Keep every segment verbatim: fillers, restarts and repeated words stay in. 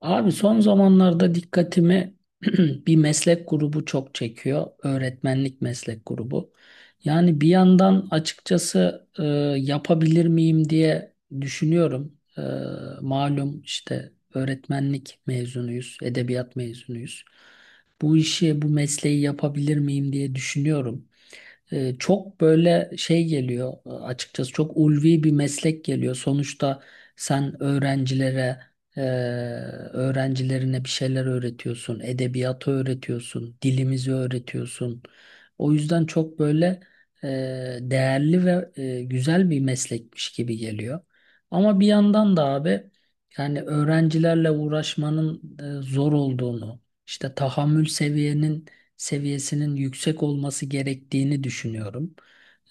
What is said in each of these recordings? Abi son zamanlarda dikkatimi bir meslek grubu çok çekiyor. Öğretmenlik meslek grubu. Yani bir yandan açıkçası e, yapabilir miyim diye düşünüyorum. E, malum işte öğretmenlik mezunuyuz, edebiyat mezunuyuz. Bu işi, bu mesleği yapabilir miyim diye düşünüyorum e, çok böyle şey geliyor e, açıkçası çok ulvi bir meslek geliyor. Sonuçta sen öğrencilere e, öğrencilerine bir şeyler öğretiyorsun, edebiyatı öğretiyorsun, dilimizi öğretiyorsun. O yüzden çok böyle e, değerli ve e, güzel bir meslekmiş gibi geliyor. Ama bir yandan da abi yani öğrencilerle uğraşmanın e, zor olduğunu, işte tahammül seviyenin seviyesinin yüksek olması gerektiğini düşünüyorum.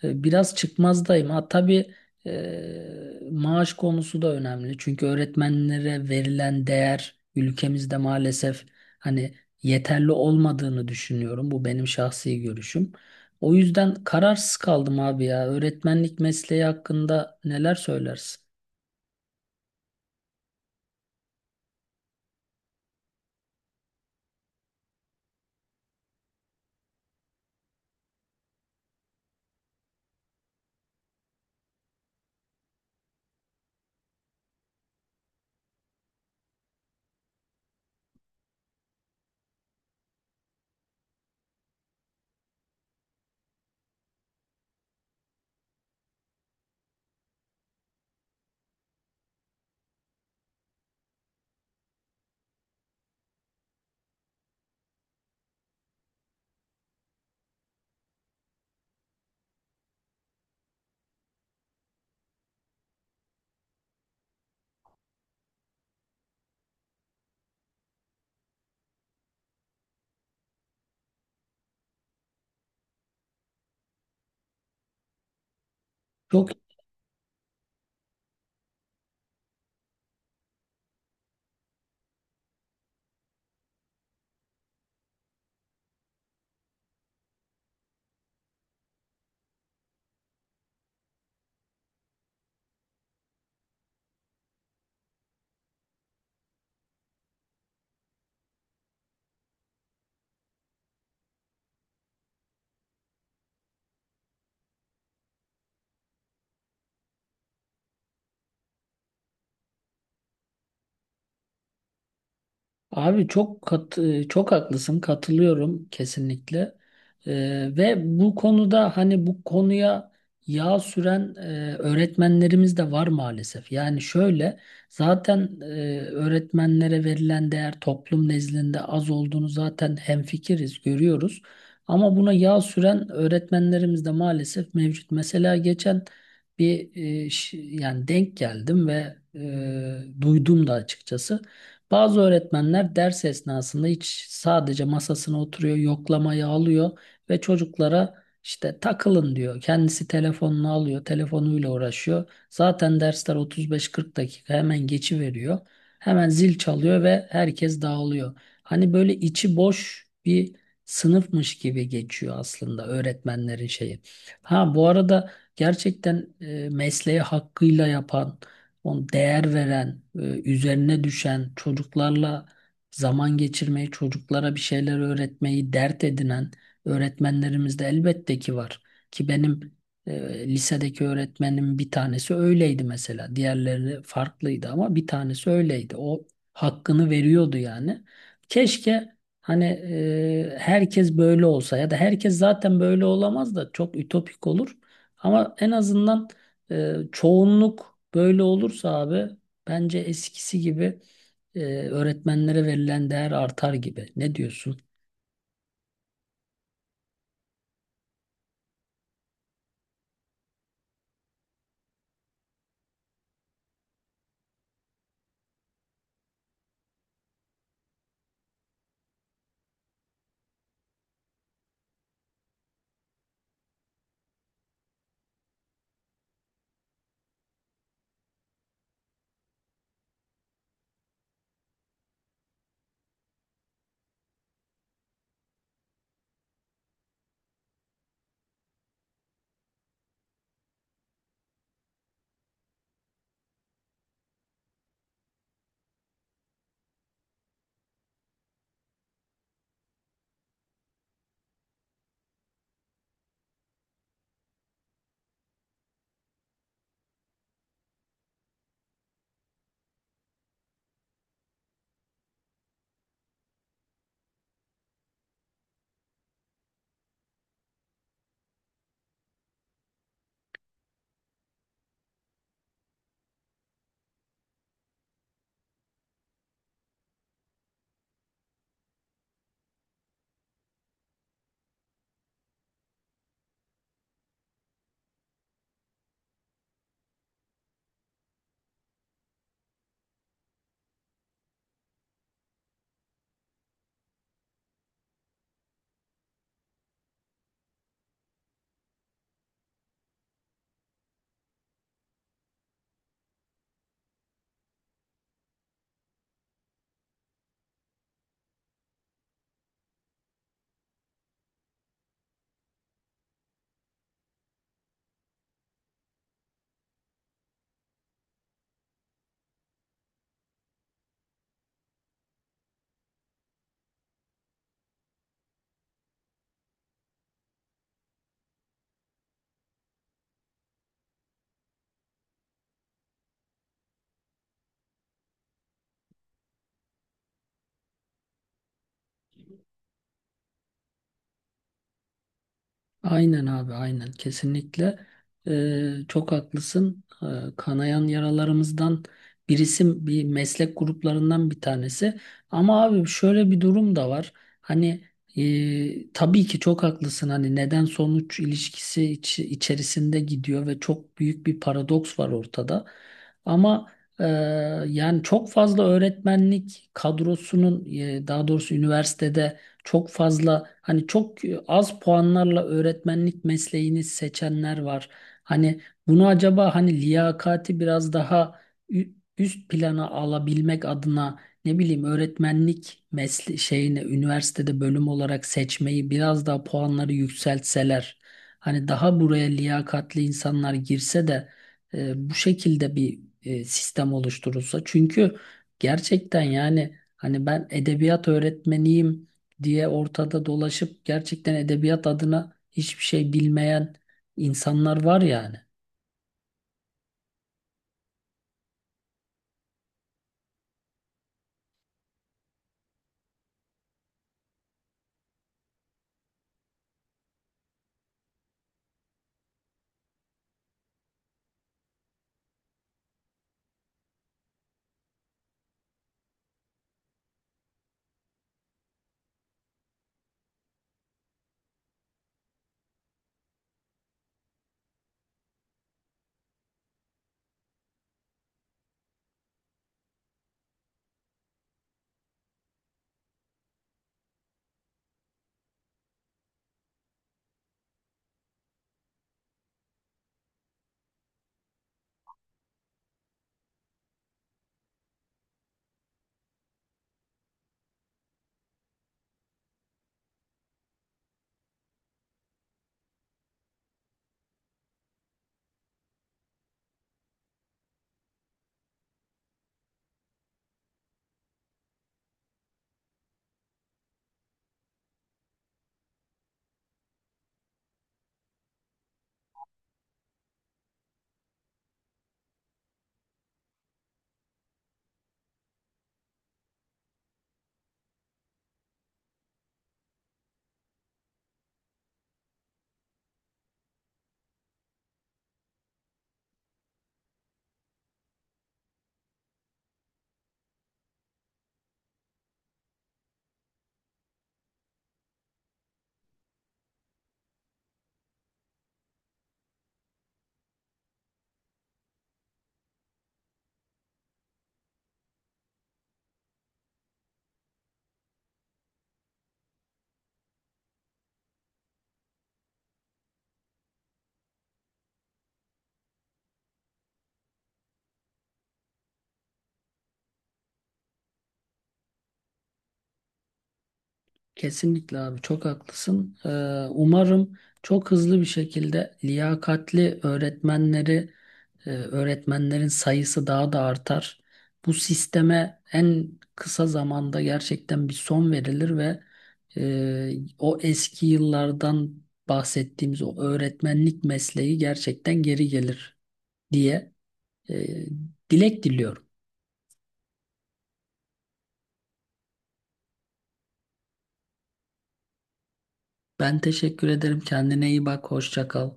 E, Biraz çıkmazdayım. Ha tabii e, maaş konusu da önemli. Çünkü öğretmenlere verilen değer ülkemizde maalesef hani yeterli olmadığını düşünüyorum. Bu benim şahsi görüşüm. O yüzden kararsız kaldım abi ya. Öğretmenlik mesleği hakkında neler söylersin? Çok. Abi çok kat, e, çok haklısın, katılıyorum kesinlikle. Ee, ve bu konuda hani bu konuya yağ süren e, öğretmenlerimiz de var maalesef. Yani şöyle, zaten e, öğretmenlere verilen değer toplum nezdinde az olduğunu zaten hemfikiriz, görüyoruz ama buna yağ süren öğretmenlerimiz de maalesef mevcut. Mesela geçen bir e, ş- yani denk geldim ve e, duydum da açıkçası. Bazı öğretmenler ders esnasında hiç sadece masasına oturuyor, yoklamayı alıyor ve çocuklara işte takılın diyor. Kendisi telefonunu alıyor, telefonuyla uğraşıyor. Zaten dersler otuz beş kırk dakika hemen geçiveriyor. Hemen zil çalıyor ve herkes dağılıyor. Hani böyle içi boş bir sınıfmış gibi geçiyor aslında öğretmenlerin şeyi. Ha bu arada gerçekten e, mesleği hakkıyla yapan, on değer veren, e, üzerine düşen, çocuklarla zaman geçirmeyi, çocuklara bir şeyler öğretmeyi dert edinen öğretmenlerimiz de elbette ki var. Ki benim e, lisedeki öğretmenim bir tanesi öyleydi mesela. Diğerleri farklıydı ama bir tanesi öyleydi. O hakkını veriyordu yani. Keşke hani e, herkes böyle olsa ya da herkes zaten böyle olamaz da çok ütopik olur. Ama en azından ee, çoğunluk böyle olursa abi bence eskisi gibi e, öğretmenlere verilen değer artar gibi. Ne diyorsun? Aynen abi, aynen, kesinlikle. Ee, çok haklısın. Ee, kanayan yaralarımızdan birisi, bir meslek gruplarından bir tanesi ama abi şöyle bir durum da var. Hani e, tabii ki çok haklısın, hani neden sonuç ilişkisi iç- içerisinde gidiyor ve çok büyük bir paradoks var ortada ama e, yani çok fazla öğretmenlik kadrosunun e, daha doğrusu üniversitede çok fazla hani çok e, az puanlarla öğretmenlik mesleğini seçenler var. Hani bunu acaba hani liyakati biraz daha ü- üst plana alabilmek adına, ne bileyim, öğretmenlik mesle şeyine üniversitede bölüm olarak seçmeyi biraz daha puanları yükseltseler, hani daha buraya liyakatli insanlar girse de e, bu şekilde bir e, sistem oluşturulsa, çünkü gerçekten yani hani ben edebiyat öğretmeniyim diye ortada dolaşıp gerçekten edebiyat adına hiçbir şey bilmeyen insanlar var yani. Kesinlikle abi, çok haklısın. Ee, umarım çok hızlı bir şekilde liyakatli öğretmenleri, e, öğretmenlerin sayısı daha da artar. Bu sisteme en kısa zamanda gerçekten bir son verilir ve e, o eski yıllardan bahsettiğimiz o öğretmenlik mesleği gerçekten geri gelir diye Ee, dilek diliyorum. Ben teşekkür ederim. Kendine iyi bak. Hoşça kal.